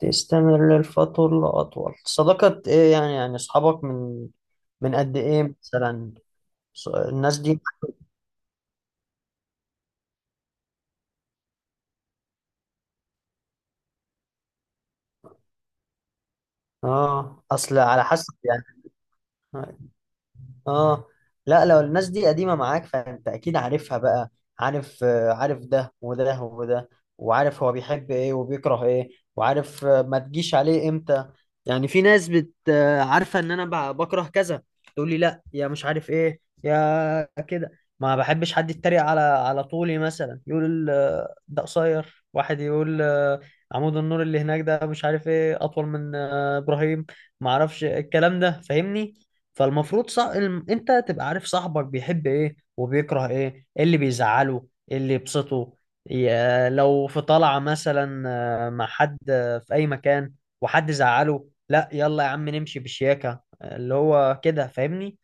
تستمر للفترة لأطول صداقة إيه؟ يعني أصحابك من قد إيه مثلا؟ الناس دي. أصل على حسب يعني. اه. لا، لو الناس دي قديمة معاك فانت اكيد عارفها بقى. عارف، عارف ده وده وده، وعارف هو بيحب ايه وبيكره ايه، وعارف، ما تجيش عليه امتى. يعني في ناس بت آه، عارفة ان انا بكره كذا، تقول لي لا يا مش عارف ايه يا كده. ما بحبش حد يتريق على طولي مثلا، يقول ده قصير، واحد يقول عمود النور اللي هناك ده مش عارف ايه اطول من ابراهيم، ما اعرفش الكلام ده، فاهمني. فالمفروض صح، انت تبقى عارف صاحبك بيحب ايه وبيكره ايه، ايه اللي بيزعله ايه اللي يبسطه. لو في طلعة مثلا مع حد في اي مكان وحد زعله، لا يلا يا عم نمشي بشياكة، اللي هو كده، فاهمني.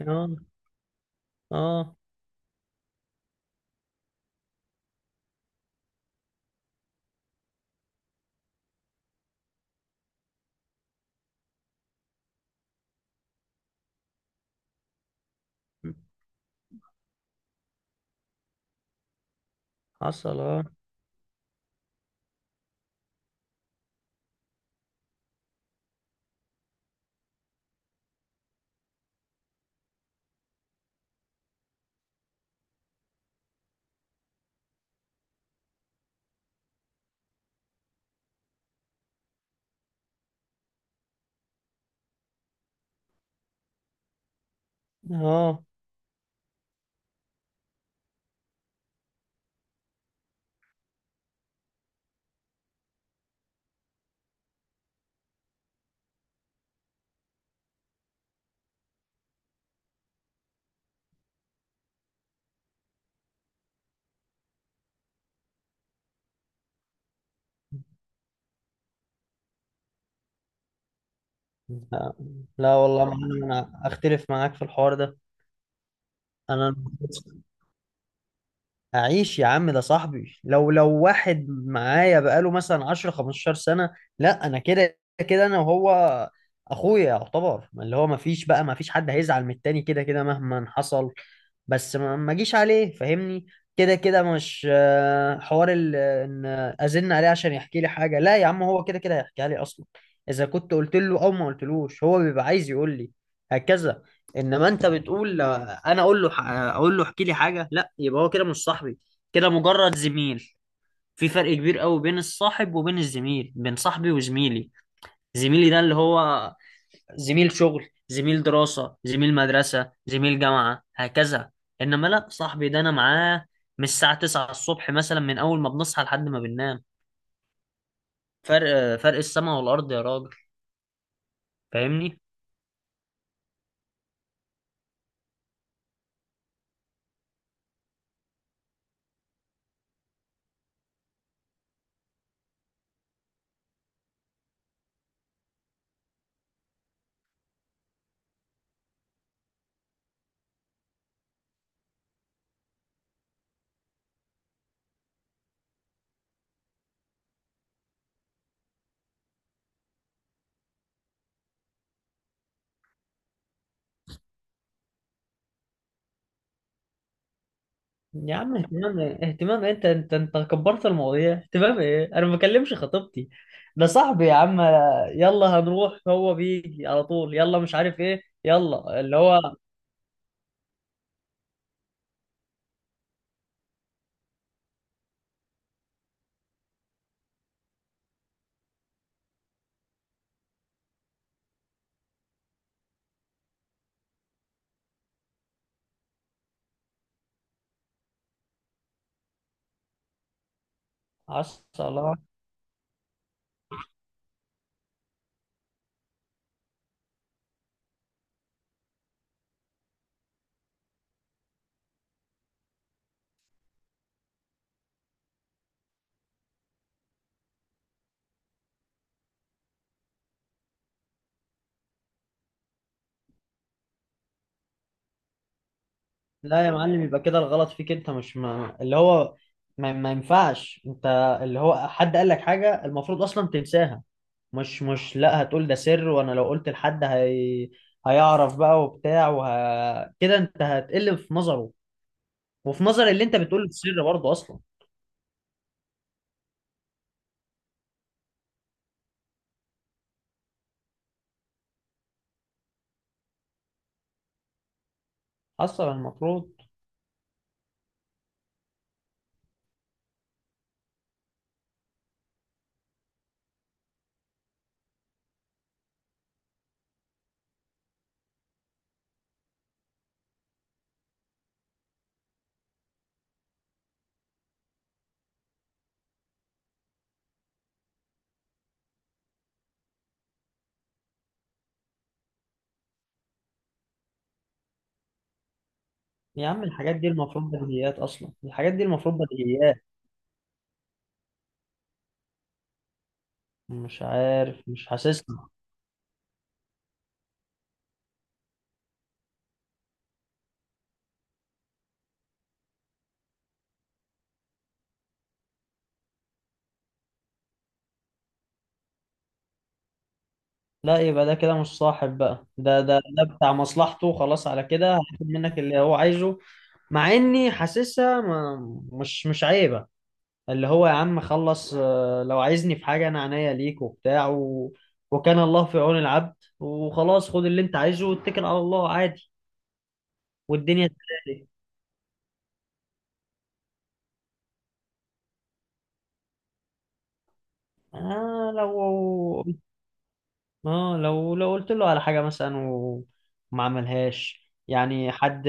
اه. اه، حصل. اه. اه. لا، لا والله ما أنا اختلف معاك في الحوار ده. انا هعيش يا عم، ده صاحبي، لو واحد معايا بقاله مثلا 10 15 سنة، لا انا كده. كده انا وهو اخويا يعتبر، ما اللي هو ما فيش بقى، ما فيش حد هيزعل من التاني كده كده مهما حصل. بس ما اجيش عليه، فاهمني. كده كده مش حوار ان ازن عليه عشان يحكي لي حاجة، لا يا عم، هو كده كده هيحكيها لي اصلا، اذا كنت قلت له او ما قلتلوش هو بيبقى عايز يقول لي هكذا. انما انت بتقول انا اقول له، احكي لي حاجه، لا يبقى هو كده مش صاحبي، كده مجرد زميل. في فرق كبير قوي بين الصاحب وبين الزميل، بين صاحبي وزميلي. زميلي ده اللي هو زميل شغل، زميل دراسه، زميل مدرسه، زميل جامعه، هكذا. انما لا، صاحبي ده انا معاه من الساعه 9 الصبح مثلا، من اول ما بنصحى لحد ما بننام. فرق السماء والارض يا راجل. فاهمني. يا عم اهتمام ايه؟ اهتمام إيه؟ انت كبرت المواضيع. اهتمام ايه؟ انا ما بكلمش خطيبتي، ده صاحبي يا عم. يلا هنروح، هو بيجي على طول، يلا مش عارف ايه، يلا اللي هو. عسى الله. لا يا معلم، يبقى كده الغلط فيك انت، مش ما اللي هو. ما ينفعش انت اللي هو حد قال لك حاجة المفروض اصلا تنساها. مش لا هتقول ده سر وانا لو قلت لحد هي هيعرف بقى وبتاع كده انت هتقل في نظره، وفي نظر اللي انت بتقول السر برضه اصلا. اصلا المفروض. يا عم الحاجات دي المفروض بديهيات، اصلا الحاجات دي المفروض بديهيات. مش عارف، مش حاسسها. لا يبقى ده كده مش صاحب بقى، ده بتاع مصلحته، خلاص على كده هياخد منك اللي هو عايزه. مع اني حاسسها مش عيبة، اللي هو يا عم خلص، لو عايزني في حاجة انا عينيا ليك وبتاع وكان الله في عون العبد، وخلاص خد اللي انت عايزه واتكل على الله عادي، والدنيا تمام. آه لو لو قلت له على حاجة مثلا وما عملهاش، يعني حد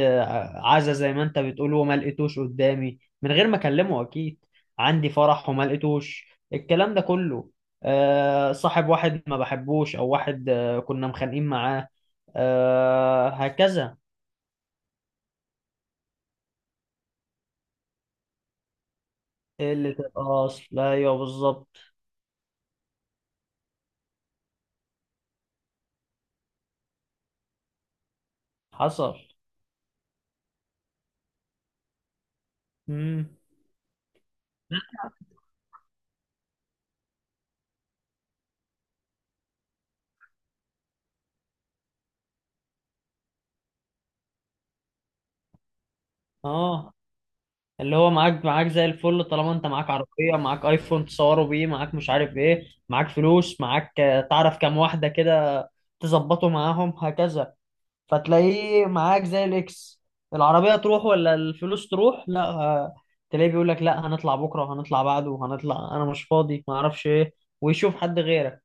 عزا زي ما انت بتقول وما لقيتوش قدامي، من غير ما اكلمه اكيد، عندي فرح وما لقيتوش، الكلام ده كله. صاحب واحد ما بحبوش، او واحد كنا مخانقين معاه، هكذا. قلة الأصل، ايوه بالظبط. حصل. امم. اه. اللي هو معاك زي الفل، طالما انت معاك عربية، معاك ايفون تصوروا بيه، معاك مش عارف ايه، معاك فلوس، معاك تعرف كام واحدة كده تظبطه معاهم هكذا، فتلاقيه معاك زي الاكس. العربية تروح ولا الفلوس تروح، لا تلاقيه بيقول لك لا هنطلع بكرة، وهنطلع بعده، وهنطلع انا مش فاضي، ما اعرفش ايه، ويشوف حد غيرك.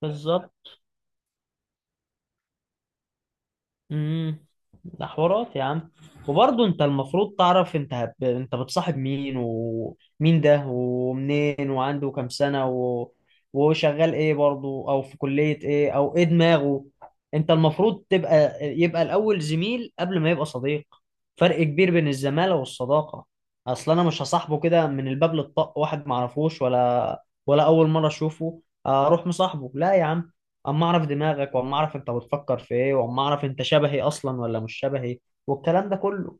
بالظبط. امم. ده حوارات يا عم. وبرضه انت المفروض تعرف، انت بتصاحب مين، ومين ده، ومنين، وعنده كام سنة، وشغال ايه برضه، او في كلية ايه، او ايه دماغه. انت المفروض تبقى، يبقى الاول زميل قبل ما يبقى صديق. فرق كبير بين الزمالة والصداقة. اصل انا مش هصاحبه كده من الباب للطق، واحد معرفوش ولا اول مرة اشوفه اروح مصاحبه، لا يا عم. اما اعرف دماغك، واما اعرف انت بتفكر في ايه، واما اعرف انت شبهي اصلا ولا مش شبهي، والكلام ده كله.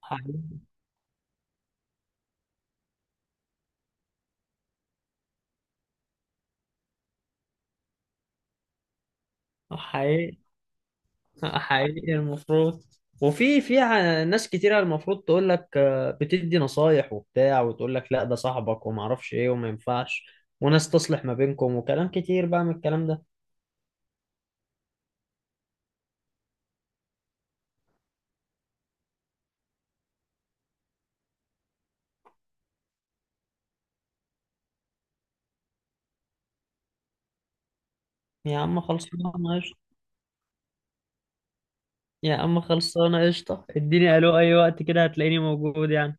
حقيقي. حقيقي. حقيقي المفروض. وفي ناس كتيرة المفروض تقول لك، بتدي نصايح وبتاع، وتقول لك لا ده صاحبك وما اعرفش ايه وما ينفعش، وناس تصلح ما بينكم، وكلام كتير بقى من الكلام ده. يا عم خلصانه قشطه. يا عم خلصانه قشطه، اديني الو اي وقت كده هتلاقيني موجود يعني.